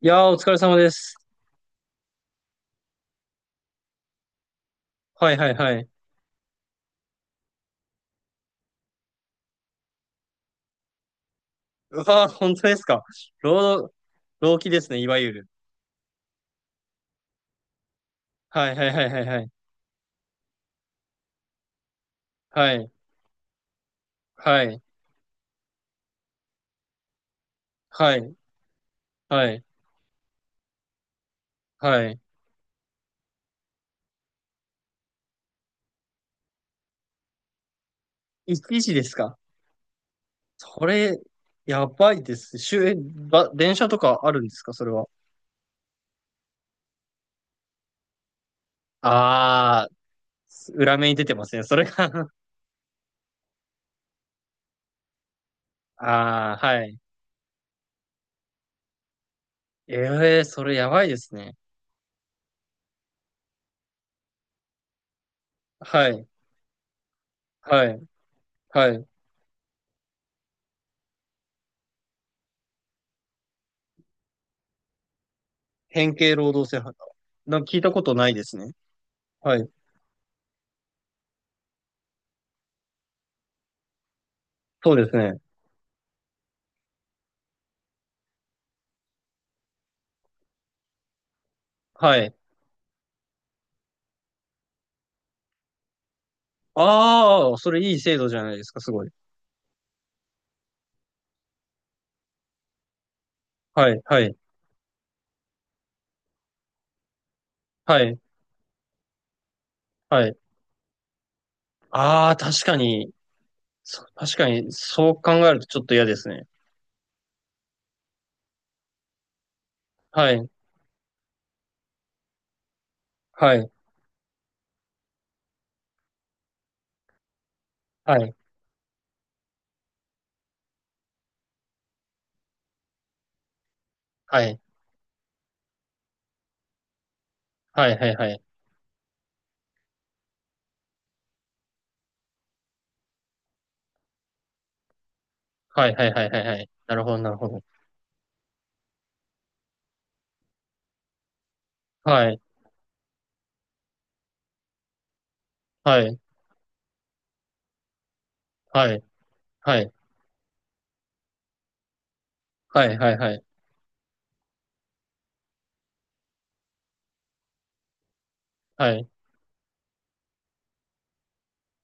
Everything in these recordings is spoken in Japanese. いやー、お疲れ様です。はいはいはい。うわー、本当ですか。労働、労基ですね、いわゆる。はいはいはいはいはい。はい、はい、はい、はい、はい。1時ですか。それ、やばいです。週、えば、電車とかあるんですか、それは。あー、裏目に出てますね、それが あー、はい。えー、それやばいですね。はい、はい、はい。変形労働制覇。なんか聞いたことないですね。はい、そうですね。はい。ああ、それいい制度じゃないですか、すごい。はい、はい、はい、はい。ああ、確かに、そう考えるとちょっと嫌ですね。はい、はい、はい、はい、はい、はい、はい、はい、はい、はい、はい、はい。なるほど、なるほど。はい、はい、はい、はい、はい、はい、はい、はい。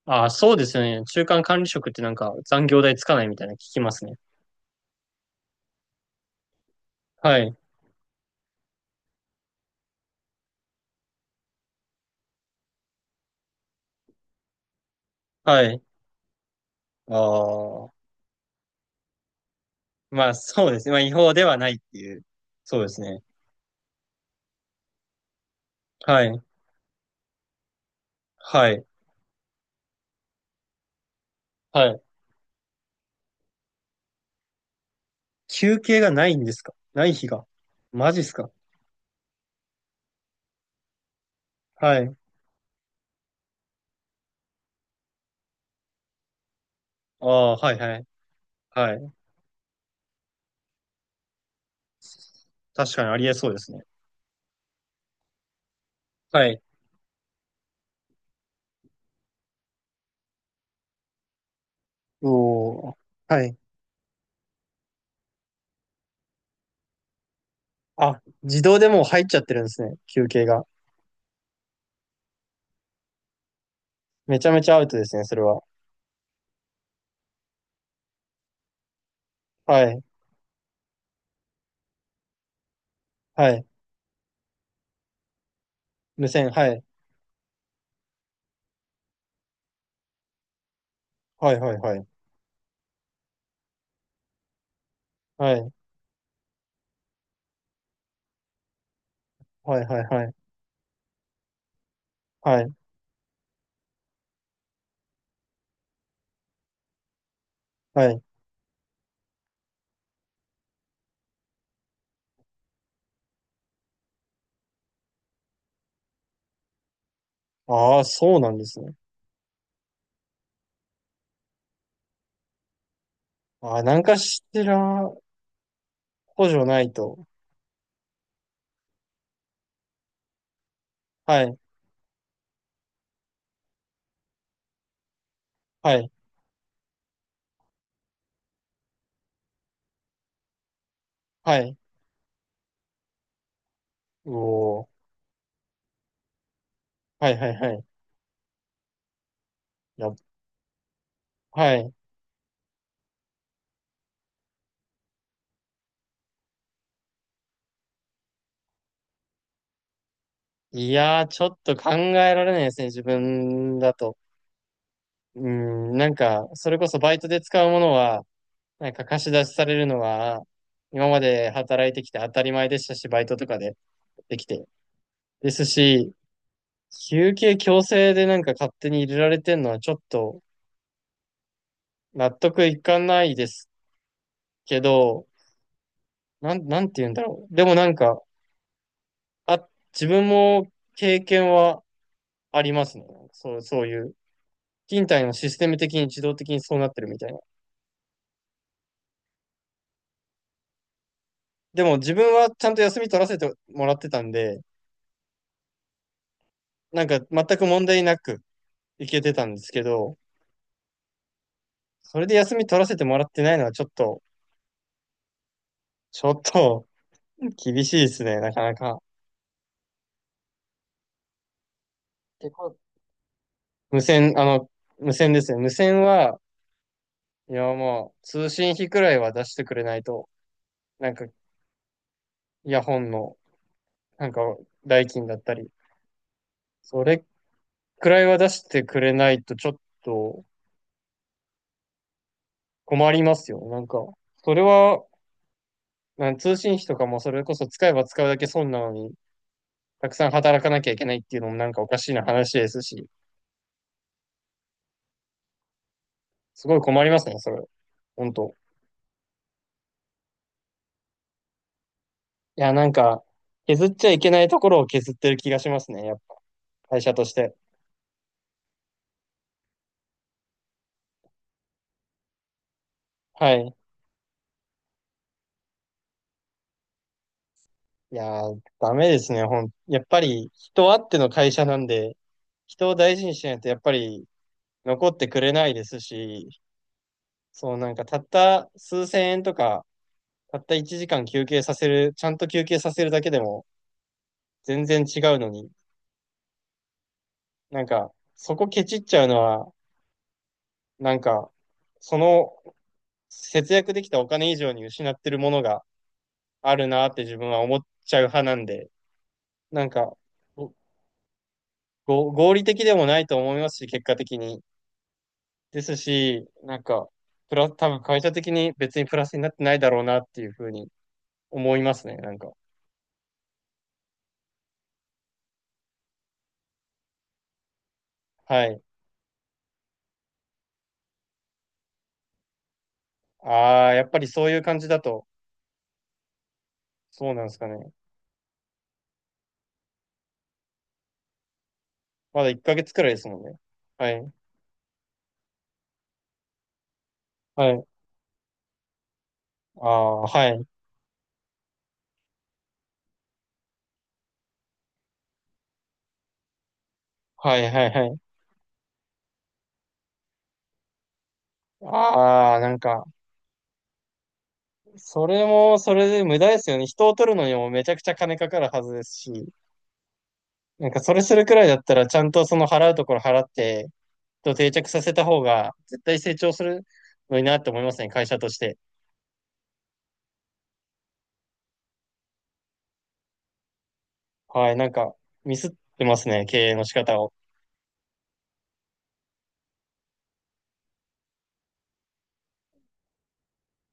ああ、そうですよね。中間管理職ってなんか残業代つかないみたいなの聞きますね。はい、はい。ああ、まあそうですね。まあ違法ではないっていう。そうですね。はい、はい、はい。休憩がないんですか、ない日が。マジっすか？はい。ああ、はいはい。はい。確かにありえそうですね。はい。おお。はい。あ、自動でもう入っちゃってるんですね。休憩が。めちゃめちゃアウトですね、それは。はい。はい。無線、はい。はいはいはい。はい。はいはいはい。はい。はい。ああ、そうなんですね。ああ、なんかしら補助ないと。はい。はい。はい。おお。はいはいはい。やっ、はい。いやー、ちょっと考えられないですね、自分だと。うん、なんか、それこそバイトで使うものは、なんか貸し出しされるのは、今まで働いてきて当たり前でしたし、バイトとかでできて。ですし、休憩強制でなんか勝手に入れられてんのはちょっと納得いかないですけど、なんて言うんだろう。でもなんか、あ、自分も経験はありますね。そう、そういう。勤怠のシステム的に自動的にそうなってるみたいな。でも自分はちゃんと休み取らせてもらってたんで、なんか全く問題なく行けてたんですけど、それで休み取らせてもらってないのはちょっと、ちょっと厳しいですね、なかなか。結構、無線、あの、無線ですね。無線は、いやもう通信費くらいは出してくれないと、なんかイヤホンの、なんか代金だったり、それくらいは出してくれないとちょっと困りますよ。なんか、それはなん通信費とかもそれこそ使えば使うだけ損なのに、たくさん働かなきゃいけないっていうのもなんかおかしいな話ですし、すごい困りますね、それ。本当。いや、なんか、削っちゃいけないところを削ってる気がしますね、やっぱ。会社として。はい。いやー、ダメですね。やっぱり、人あっての会社なんで、人を大事にしないと、やっぱり、残ってくれないですし、そう、なんか、たった数千円とか、たった1時間休憩させる、ちゃんと休憩させるだけでも、全然違うのに、なんか、そこケチっちゃうのは、なんか、その節約できたお金以上に失ってるものがあるなって自分は思っちゃう派なんで、なんか、合理的でもないと思いますし、結果的に。ですし、なんか、多分会社的に別にプラスになってないだろうなっていうふうに思いますね、なんか。はい。ああ、やっぱりそういう感じだと、そうなんですかね。まだ1ヶ月くらいですもんね。はい。はい。ああ、はい。はい、はい、はい。ああ、なんか、それも、それで無駄ですよね。人を取るのにもめちゃくちゃ金かかるはずですし、なんかそれするくらいだったら、ちゃんとその払うところ払って、と定着させた方が、絶対成長するのになって思いますね、会社として。はい、なんか、ミスってますね、経営の仕方を。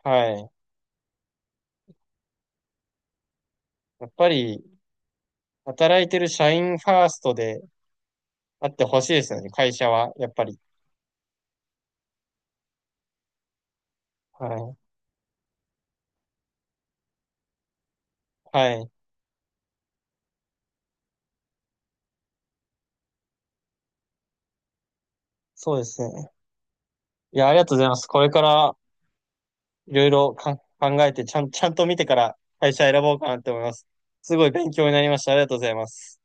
はい。やっぱり、働いてる社員ファーストであってほしいですよね、会社は、やっぱり。はい。はい。そうですね。いや、ありがとうございます。これから、いろいろか考えて、ちゃんと見てから会社選ぼうかなって思います。すごい勉強になりました。ありがとうございます。